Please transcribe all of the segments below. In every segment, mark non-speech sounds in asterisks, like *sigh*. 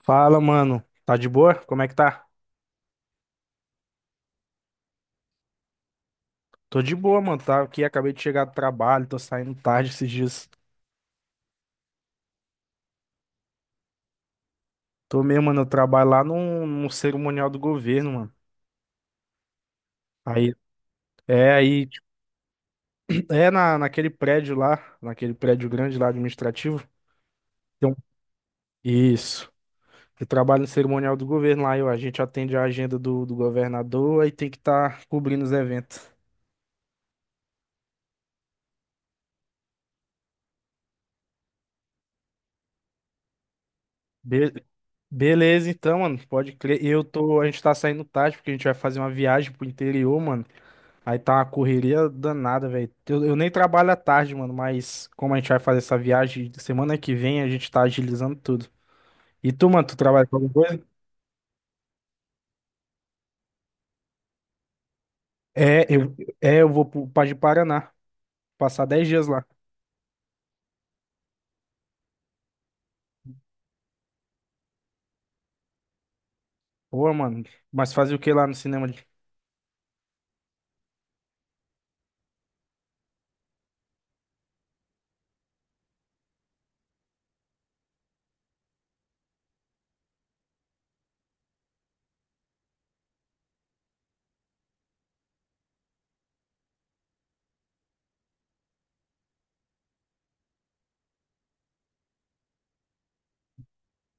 Fala, mano. Tá de boa? Como é que tá? Tô de boa, mano. Tá aqui, acabei de chegar do trabalho, tô saindo tarde esses dias. Tô mesmo, mano. Eu trabalho lá num cerimonial do governo, mano. Aí, aí, tipo, naquele prédio lá, naquele prédio grande lá administrativo. Então, isso. Eu trabalho no cerimonial do governo lá, a gente atende a agenda do governador, aí tem que estar cobrindo os eventos. Be- Beleza, então, mano, pode crer. A gente tá saindo tarde porque a gente vai fazer uma viagem pro interior, mano. Aí tá uma correria danada, velho. Eu nem trabalho à tarde, mano, mas como a gente vai fazer essa viagem semana que vem, a gente tá agilizando tudo. E tu, mano, tu trabalha com alguma coisa? É, eu, eu vou pro, pra de Paraná, passar 10 dias lá. Pô, mano, mas fazer o que lá no cinema?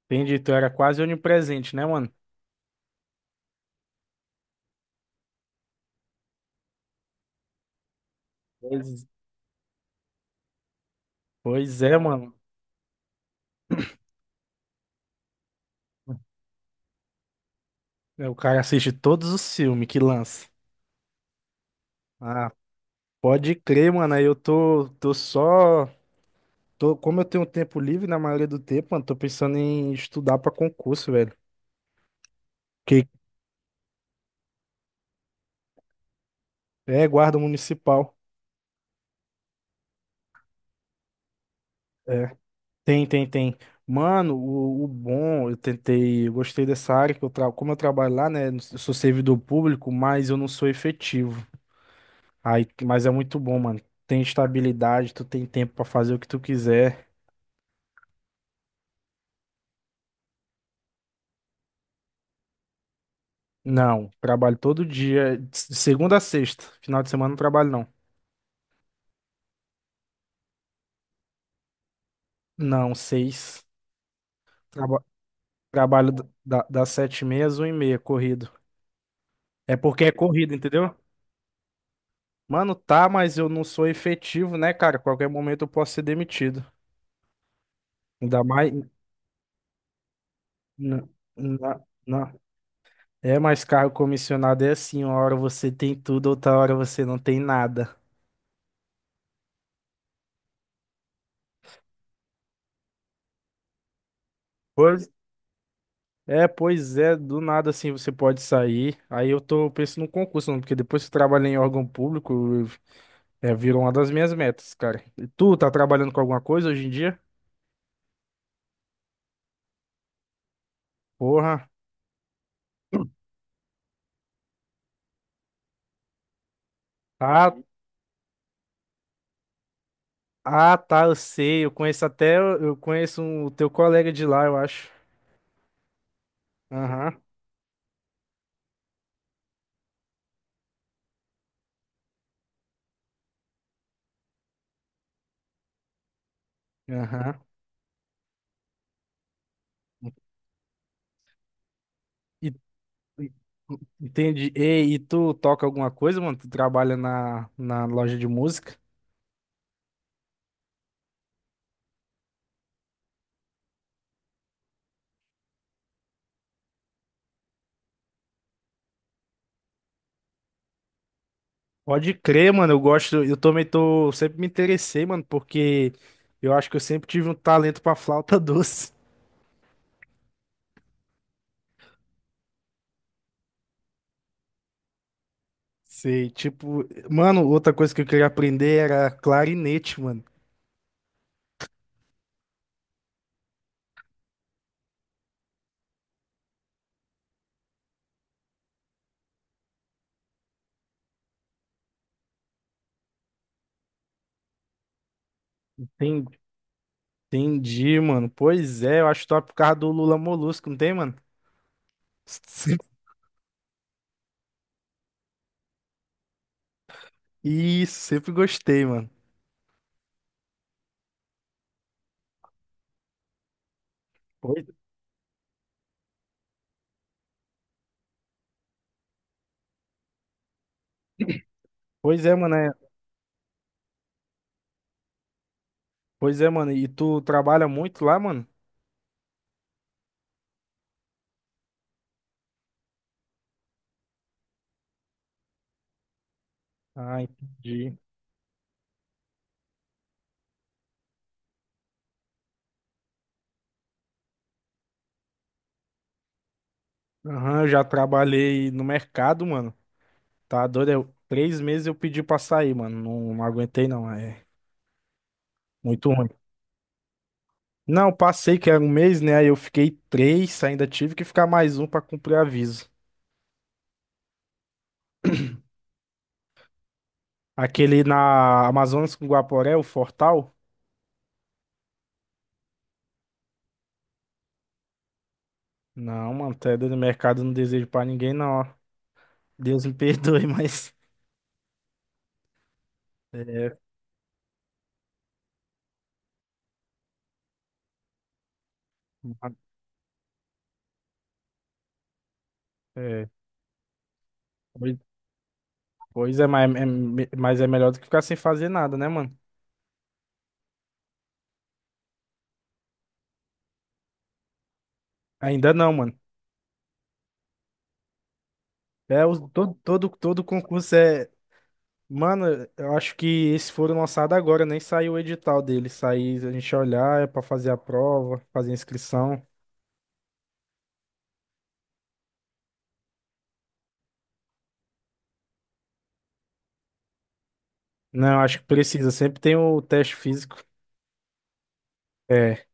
Entendi, tu era quase onipresente, né, mano? Pois, pois é, mano. É, o cara assiste todos os filmes que lança. Ah, pode crer, mano. Aí eu tô só. Como eu tenho tempo livre, na maioria do tempo, mano, tô pensando em estudar pra concurso, velho. Que é guarda municipal. É. Tem, tem, tem. Mano, o bom, eu tentei, eu gostei dessa área que eu trabalho. Como eu trabalho lá, né? Eu sou servidor público, mas eu não sou efetivo. Aí, mas é muito bom, mano. Tem estabilidade, tu tem tempo pra fazer o que tu quiser. Não, trabalho todo dia, de segunda a sexta. Final de semana não trabalho, não. Não, seis. Trabalho das 7:30 às 1h30, corrido. É porque é corrido, entendeu? Mano, tá, mas eu não sou efetivo, né, cara? Qualquer momento eu posso ser demitido. Ainda mais. Na, na, na- É, mas cargo comissionado é assim: uma hora você tem tudo, outra hora você não tem nada. Pois pois é, do nada assim você pode sair. Aí eu tô pensando no concurso, mano, porque depois que eu trabalhei em órgão público, virou uma das minhas metas, cara. E tu tá trabalhando com alguma coisa hoje em dia? Porra. Ah, Ah, tá, eu sei. Eu conheço o teu colega de lá, eu acho. Aham, aham. E- e- Entendi. E tu toca alguma coisa, mano? Tu trabalha na loja de música? Pode crer, mano. Eu gosto. Eu também tô. Sempre me interessei, mano, porque eu acho que eu sempre tive um talento pra flauta *laughs* doce. Sei, tipo. Mano, outra coisa que eu queria aprender era clarinete, mano. Entendi, entendi, mano. Pois é, eu acho top por causa do Lula Molusco, não tem, mano? Sempre- Isso, sempre gostei, mano. Pois, pois é, mano. Pois é, mano. E tu trabalha muito lá, mano? Ah, entendi. Aham, eu já trabalhei no mercado, mano. Tá doido? 3 meses eu pedi pra sair, mano. Não, não aguentei, não. É muito ruim. Não, passei que era 1 mês, né? Aí eu fiquei três, ainda tive que ficar mais um pra cumprir aviso. Aquele na Amazonas com Guaporé, o Fortal? Não, mano, até doido. Mercado eu não desejo pra ninguém, não, ó. Deus me *laughs* perdoe, mas. É. É. Pois pois é, mas é melhor do que ficar sem fazer nada, né, mano? Ainda não, mano. É, todo concurso é. Mano, eu acho que esses foram lançados agora, nem saiu o edital deles. Sair, a gente olhar, é pra fazer a prova, fazer a inscrição. Não, acho que precisa, sempre tem o teste físico. É.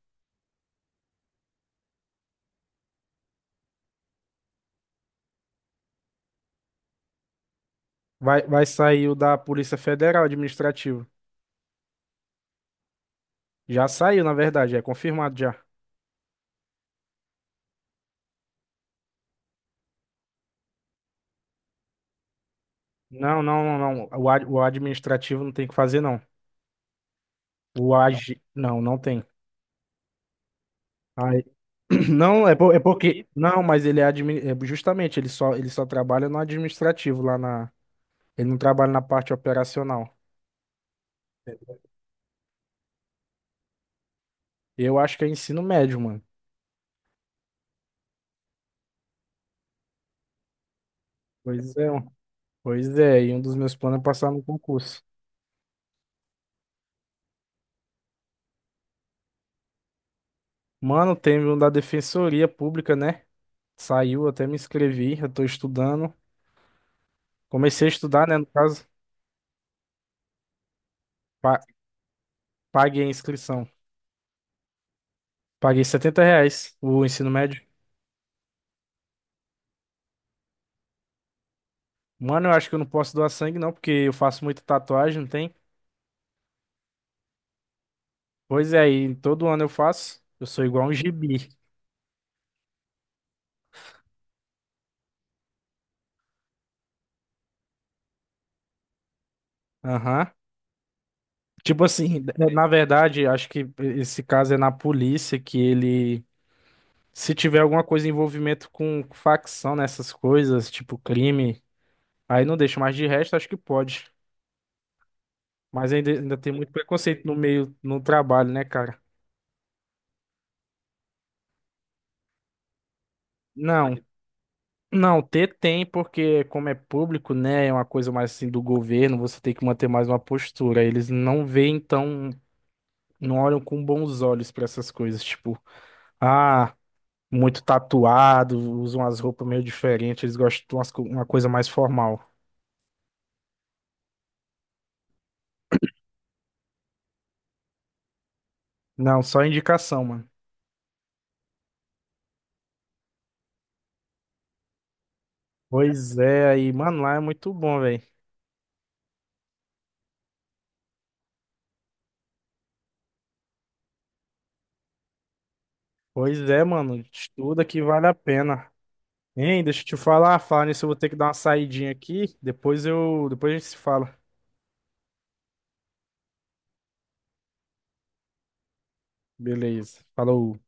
Vai sair o da Polícia Federal Administrativo. Já saiu, na verdade, é confirmado já. Não, não, não, não. O administrativo não tem que fazer, não. O AG. Não, não tem. Aí- *clears throat* Não, é porque. Não, mas ele é justamente, ele só trabalha no administrativo lá na. Ele não trabalha na parte operacional. Eu acho que é ensino médio, mano. Pois é, mano. Pois é. E um dos meus planos é passar no concurso. Mano, teve um da Defensoria Pública, né? Saiu, até me inscrevi. Eu tô estudando. Comecei a estudar, né? No caso, pa- paguei a inscrição. Paguei R$ 70 o ensino médio. Mano, eu acho que eu não posso doar sangue, não, porque eu faço muita tatuagem, não tem? Pois é, e todo ano eu faço. Eu sou igual um gibi. Aham. Tipo assim, na verdade, acho que esse caso é na polícia que ele, se tiver alguma coisa em envolvimento com facção nessas coisas, tipo crime, aí não deixa, mas de resto acho que pode. Mas ainda tem muito preconceito no meio, no trabalho, né, cara? Não, não, ter tem, porque como é público, né, é uma coisa mais assim do governo, você tem que manter mais uma postura. Eles não veem então não olham com bons olhos pra essas coisas, tipo, ah, muito tatuado, usam umas roupas meio diferentes, eles gostam de uma coisa mais formal. Não, só indicação, mano. Pois é, aí, mano, lá é muito bom, velho. Pois é, mano, estuda que vale a pena. Hein, deixa eu te falar, falar nisso, eu vou ter que dar uma saidinha aqui, depois a gente se fala. Beleza, falou.